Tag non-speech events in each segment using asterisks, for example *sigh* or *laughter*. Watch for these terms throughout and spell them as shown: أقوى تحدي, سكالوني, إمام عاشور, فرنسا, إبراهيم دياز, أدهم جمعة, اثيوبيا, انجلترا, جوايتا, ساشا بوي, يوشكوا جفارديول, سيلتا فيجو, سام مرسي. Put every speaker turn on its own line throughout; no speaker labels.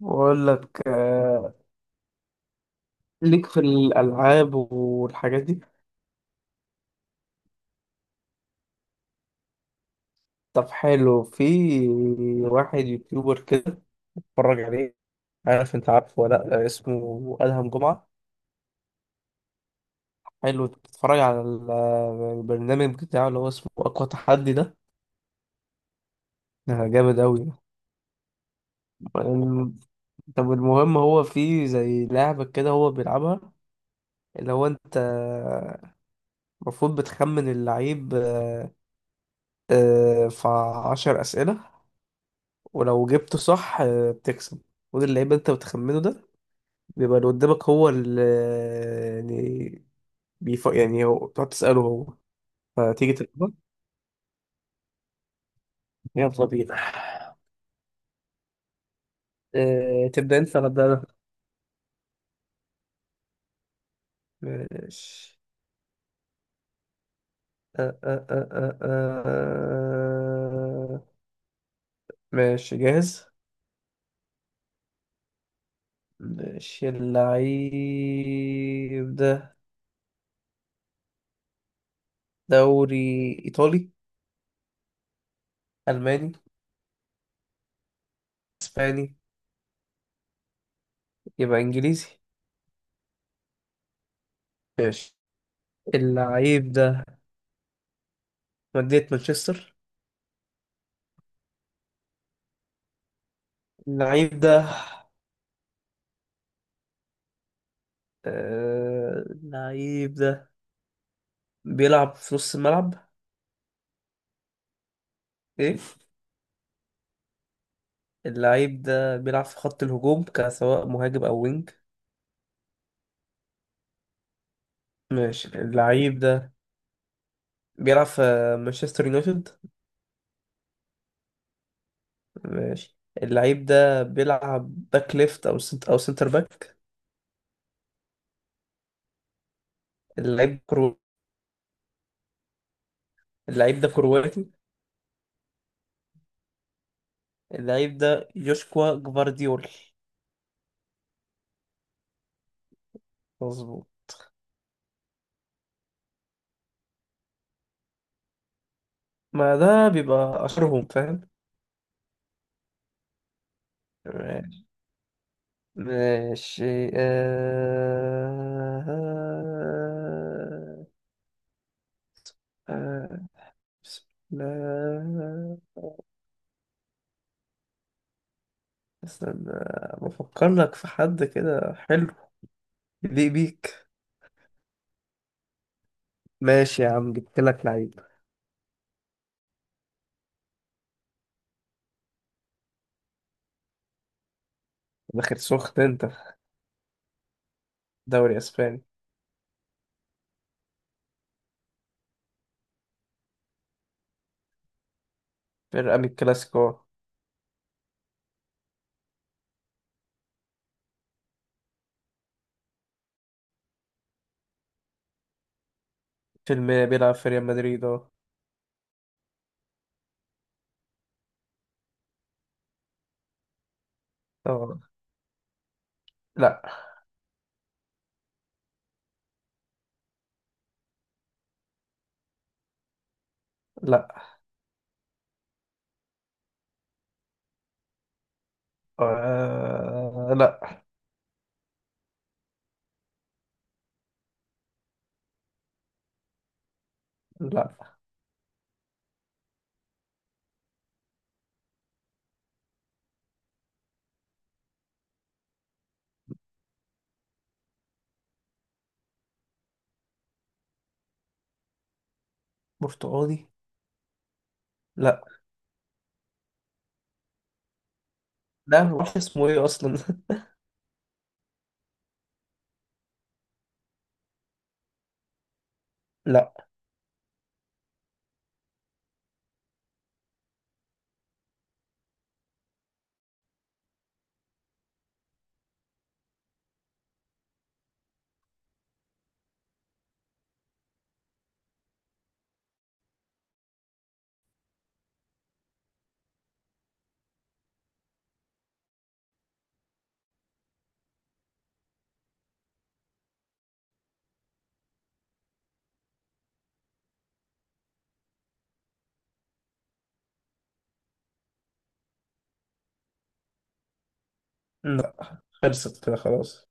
بقول لك ليك في الألعاب والحاجات دي. طب حلو، في واحد يوتيوبر كده اتفرج عليه. عارف، انت عارفه ولا لأ؟ اسمه أدهم جمعة. حلو تتفرج على البرنامج بتاعه اللي هو اسمه أقوى تحدي ده. ده جامد أوي. الم- طب المهم هو في زي لعبة كده هو بيلعبها، اللي هو انت المفروض بتخمن اللعيب. في عشر أسئلة، ولو جبته صح بتكسب. ودي اللعيبة انت بتخمنه ده بيبقى اللي قدامك، هو اللي يعني يعني هو بتقعد تسأله هو. فتيجي تلعبها. يلا بينا. تبدأ انت ولا أبدأ انا؟ ماشي. آه، آه، آه، آه، آه. ماشي جاهز. ماشي، اللعيب ده دوري إيطالي؟ ألماني؟ إسباني؟ يبقى إنجليزي. ماشي، اللعيب ده مدينة مانشستر. اللعيب ده اللعيب ده بيلعب في نص الملعب؟ ايه؟ اللعيب ده بيلعب في خط الهجوم كسواء مهاجم او وينج؟ ماشي، اللعيب ده بيلعب في مانشستر يونايتد؟ ماشي، اللعيب ده بيلعب باك ليفت او سنت او سنتر باك؟ اللعيب كرو؟ اللعيب ده كرواتي؟ اللعيب ده يوشكوا جفارديول. مظبوط. ما ده بيبقى اشهرهم، فاهم. ماشي. آه... بسم الله. استنى بفكر لك في حد كده حلو يليق بيك. ماشي يا عم، جبت لك لعيب. داخل سخن انت في دوري اسباني. فرقة من الكلاسيكو. فيلم بيلعب في ريال مدريد، اه. آه. لا. لا. لا. لا. برتقالي. لا. لا معرفش اسمه ايه اصلا. *laughs* لا. لا، خلصت كده خلاص.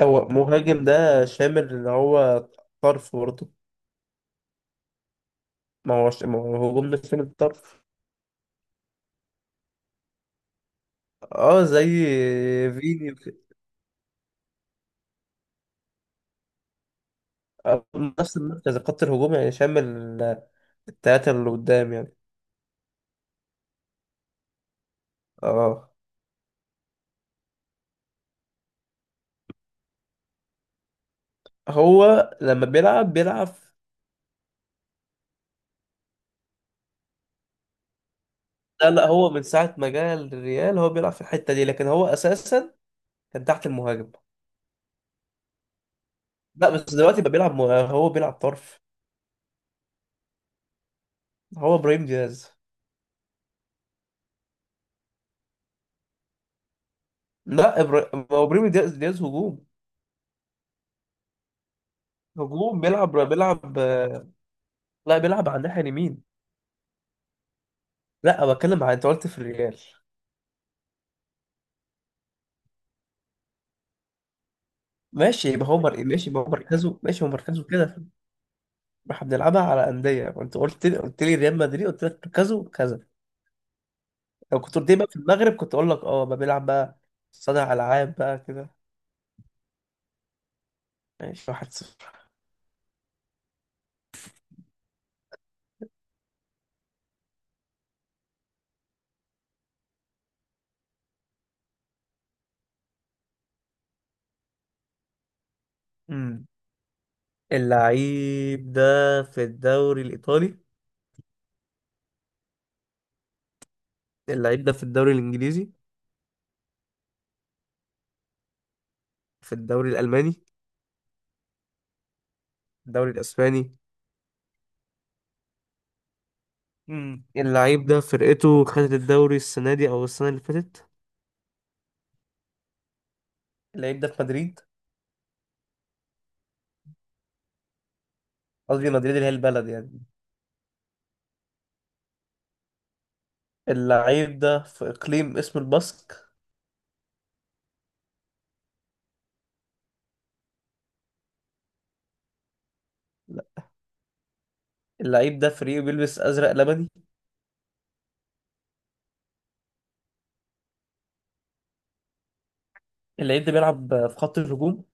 هو مهاجم ده شامل اللي هو طرف برضه. ما هو، ما هو هجوم ده شامل الطرف. اه زي فيني وك- آه، نفس المركز خط الهجوم يعني شامل التلاتة اللي قدام يعني. اه. هو لما بيلعب بيلعب. لا. لا، هو من ساعة ما جه الريال هو بيلعب في الحتة دي، لكن هو أساسا كان تحت المهاجم. لا بس دلوقتي بقى هو بيلعب طرف. هو إبراهيم دياز. لا، هو إبراهيم دياز، دياز هجوم. هجوم بيلعب بيلعب. لا، بيلعب على الناحية اليمين. لا أنا بتكلم على أنت قلت في الريال. ماشي يبقى هو مركزه، ماشي، هو مركزه كده. احنا بنلعبها على أندية وأنت قلت لي، قلت لي ريال مدريد، قلت لك مركزه كذا. لو كنت قلت لي بقى في المغرب كنت أقول لك أه بقى بيلعب بقى صانع ألعاب بقى كده. ماشي، 1-0. امم، اللعيب ده في الدوري الإيطالي؟ اللعيب ده في الدوري الإنجليزي؟ في الدوري الألماني؟ الدوري الإسباني. امم، اللعيب ده فرقته خدت الدوري السنة دي أو السنة اللي فاتت؟ اللعيب ده في مدريد؟ قصدي مدريد اللي هي البلد يعني. اللعيب ده في إقليم اسمه الباسك؟ لا. اللعيب ده في ريو، بيلبس أزرق لبني. اللعيب ده بيلعب في خط الهجوم؟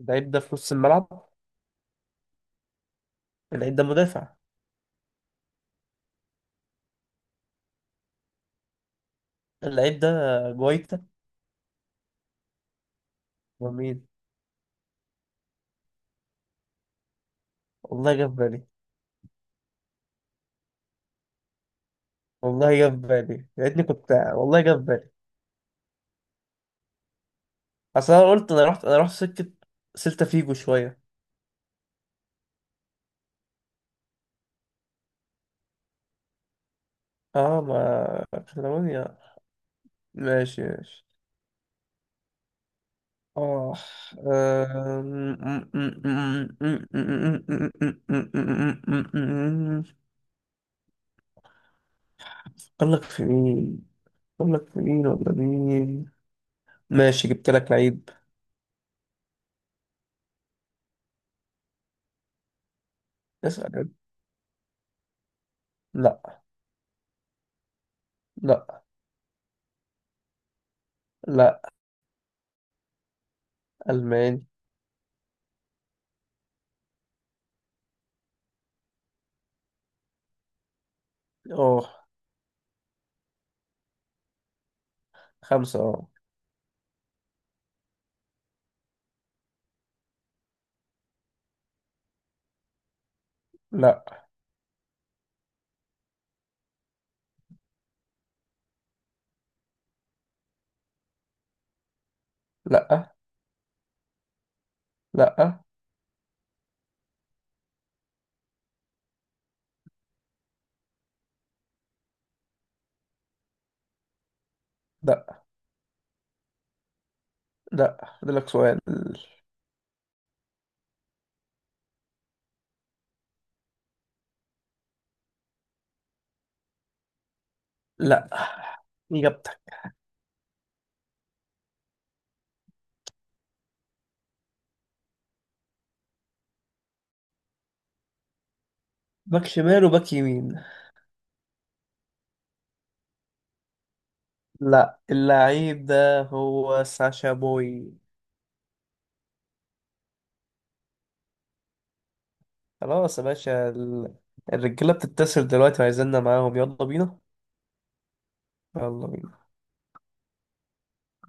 اللعيب ده في نص الملعب؟ اللعيب ده مدافع؟ اللعيب ده جوايتا؟ ومين؟ والله جه في بالي. والله جه في بالي، يا ريتني، كنت والله جه في بالي. أصل أنا قلت، أنا رحت سكة سيلتا فيجو شوية. اه، ما كاتالونيا. ماشي ماشي. آه. أم- أقول لك في مين؟ أقول لك في مين ولا مين؟ ماشي جبت لك لعيب. اسأل. لا. لا. لا. ألماني. أه. خمسة أه. لا. لا. لا. لا. لا، أديلك سؤال. لا، إجابتك. باك شمال وباك يمين. لا، اللعيب ده هو ساشا بوي. خلاص يا باشا، الرجالة بتتصل دلوقتي وعايزيننا معاهم. يلا بينا. يلا بينا.